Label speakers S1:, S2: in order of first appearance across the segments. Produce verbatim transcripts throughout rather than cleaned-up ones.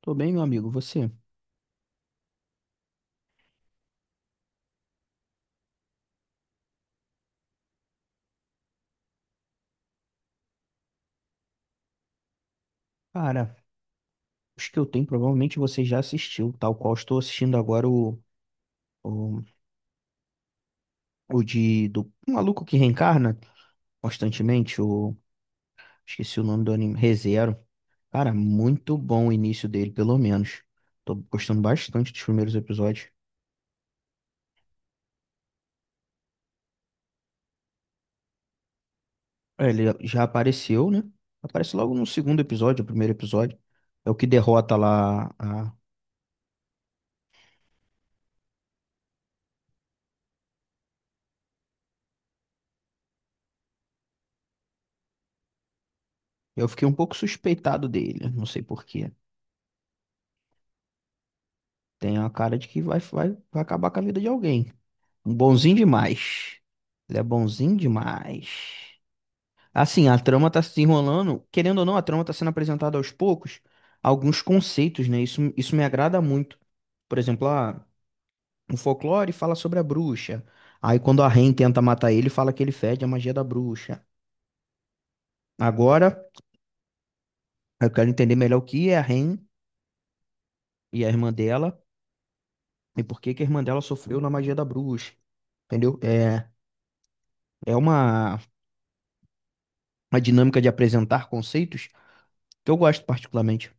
S1: Tô bem, meu amigo. Você? Cara, os que eu tenho provavelmente você já assistiu, tal qual estou assistindo agora o, o, o de do um maluco que reencarna constantemente, o esqueci o nome do anime, ReZero. Cara, muito bom o início dele, pelo menos. Tô gostando bastante dos primeiros episódios. É, ele já apareceu, né? Aparece logo no segundo episódio, o primeiro episódio. É o que derrota lá a... Eu fiquei um pouco suspeitado dele, não sei por quê. Tem a cara de que vai, vai, vai acabar com a vida de alguém. Um bonzinho demais. Ele é bonzinho demais. Assim, a trama tá se enrolando. Querendo ou não, a trama tá sendo apresentada aos poucos. Alguns conceitos, né? Isso, isso me agrada muito. Por exemplo, ah, o folclore fala sobre a bruxa. Aí quando a Rain tenta matar ele, fala que ele fede a magia da bruxa. Agora, eu quero entender melhor o que é a Rain e a irmã dela. E por que que a irmã dela sofreu na magia da bruxa. Entendeu? É, é uma, uma dinâmica de apresentar conceitos que eu gosto particularmente.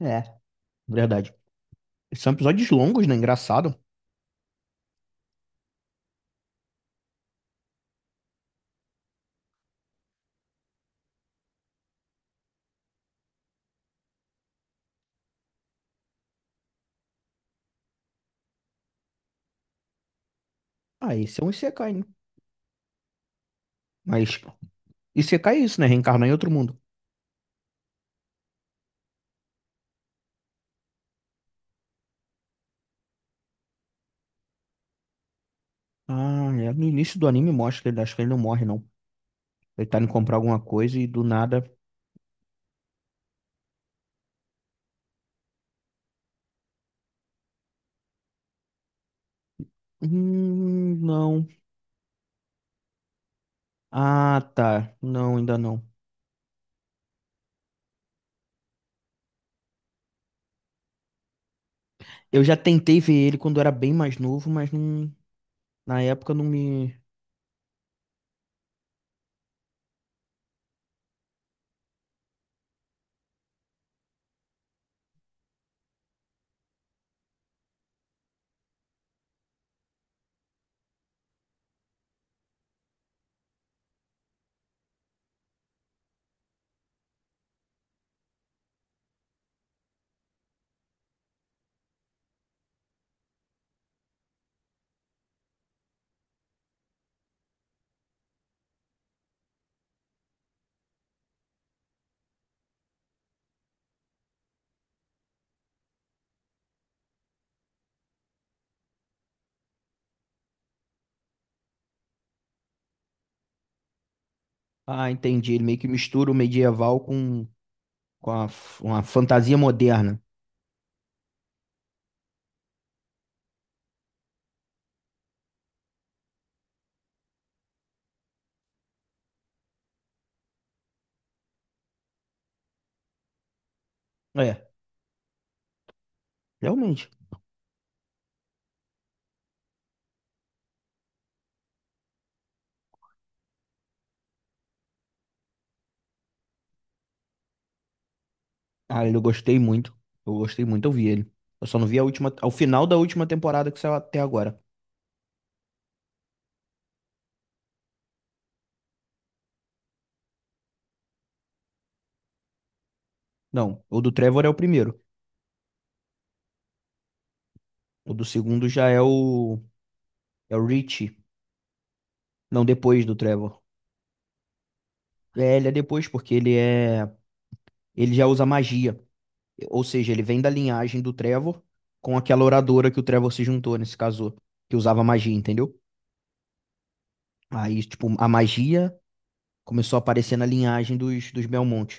S1: É. Verdade. São episódios longos, né? Engraçado. Ah, esse é um Isekai, né? Mas Isekai é isso, né? Reencarnar em outro mundo. Ah, é. No início do anime mostra que ele acho que ele não morre, não. Ele tá indo comprar alguma coisa e do nada. Hum, não. Ah, tá. Não, ainda não. Eu já tentei ver ele quando era bem mais novo, mas não, na época não me. Ah, entendi. Ele meio que mistura o medieval com, com a f- uma fantasia moderna. É, realmente. Ah, ele eu gostei muito. Eu gostei muito, eu vi ele. Eu só não vi a última, ao final da última temporada que saiu até agora. Não, o do Trevor é o primeiro. O do segundo já é o é o Rich. Não, depois do Trevor. É, ele é depois porque ele é ele já usa magia. Ou seja, ele vem da linhagem do Trevor com aquela oradora que o Trevor se juntou nesse caso, que usava magia, entendeu? Aí, tipo, a magia começou a aparecer na linhagem dos dos Belmont.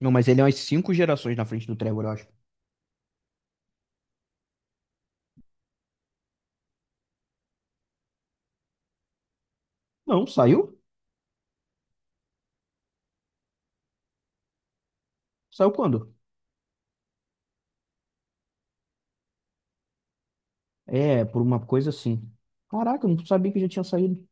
S1: Não, mas ele é umas cinco gerações na frente do Trevor, eu acho. Não, saiu? Saiu quando? É, por uma coisa assim. Caraca, eu não sabia que já tinha saído.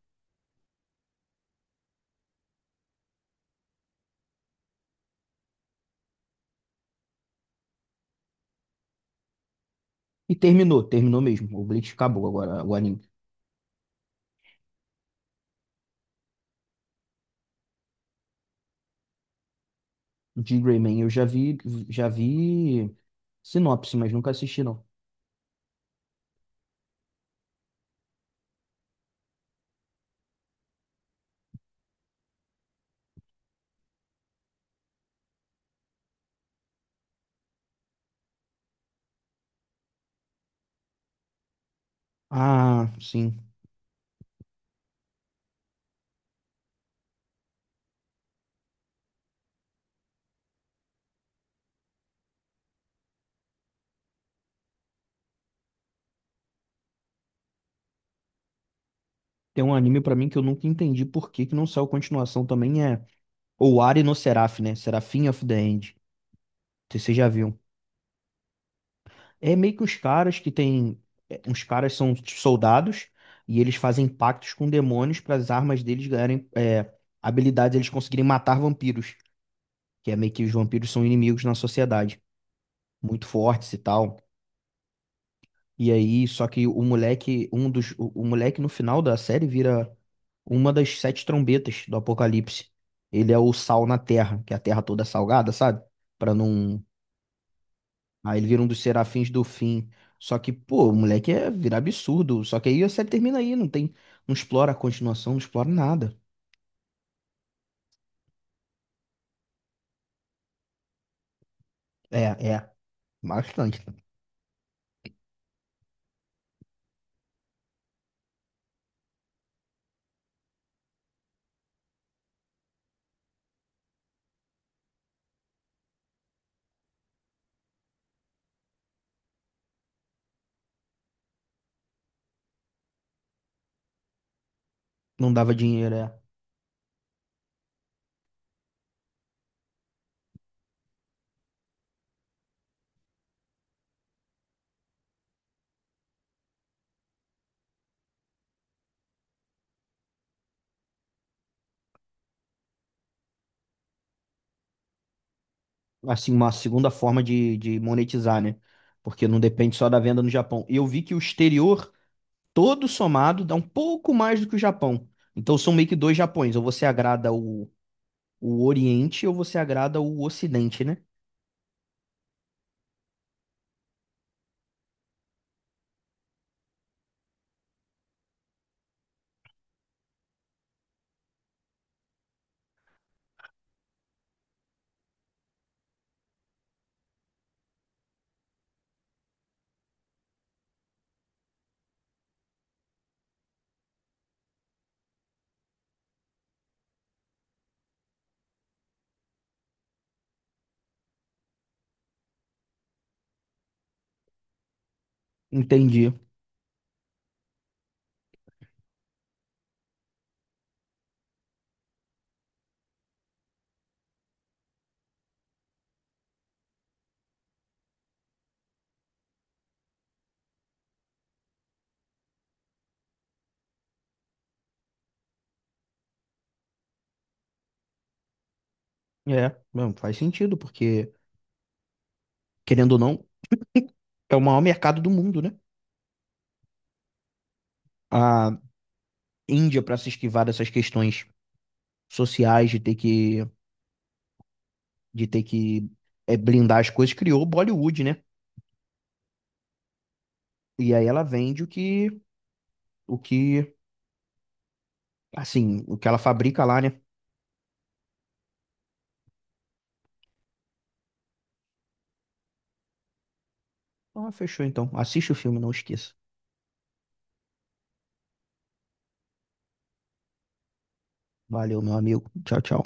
S1: E terminou, terminou mesmo. O Bleach acabou agora, o anime. De Greyman eu já vi, já vi sinopse, mas nunca assisti não. Ah, sim. Tem um anime pra mim que eu nunca entendi por que que não saiu continuação também é Owari no Seraph, né? Seraphim of the End. Não sei se vocês já viram. É meio que uns caras que tem é, uns caras são soldados e eles fazem pactos com demônios para as armas deles ganharem é, habilidades, eles conseguirem matar vampiros. Que é meio que os vampiros são inimigos na sociedade, muito fortes e tal. E aí, só que o moleque, um dos, o, o moleque no final da série vira uma das sete trombetas do Apocalipse. Ele é o sal na terra, que é a terra toda é salgada, sabe? Pra não. Aí ele vira um dos serafins do fim. Só que, pô, o moleque é virar absurdo. Só que aí a série termina aí, não tem. Não explora a continuação, não explora nada. É, é. Bastante. Não dava dinheiro, é. Assim, uma segunda forma de, de monetizar, né? Porque não depende só da venda no Japão. E eu vi que o exterior todo somado dá um pouco mais do que o Japão. Então são meio que dois Japões. Ou você agrada o, o Oriente ou você agrada o Ocidente, né? Entendi. É, não, faz sentido, porque, querendo ou não, é o maior mercado do mundo, né? A Índia, para se esquivar dessas questões sociais de ter que, de ter que é, blindar as coisas, criou o Bollywood, né? E aí ela vende o que, o que... Assim, o que ela fabrica lá, né? Ah, fechou então. Assiste o filme, não esqueça. Valeu, meu amigo. Tchau, tchau.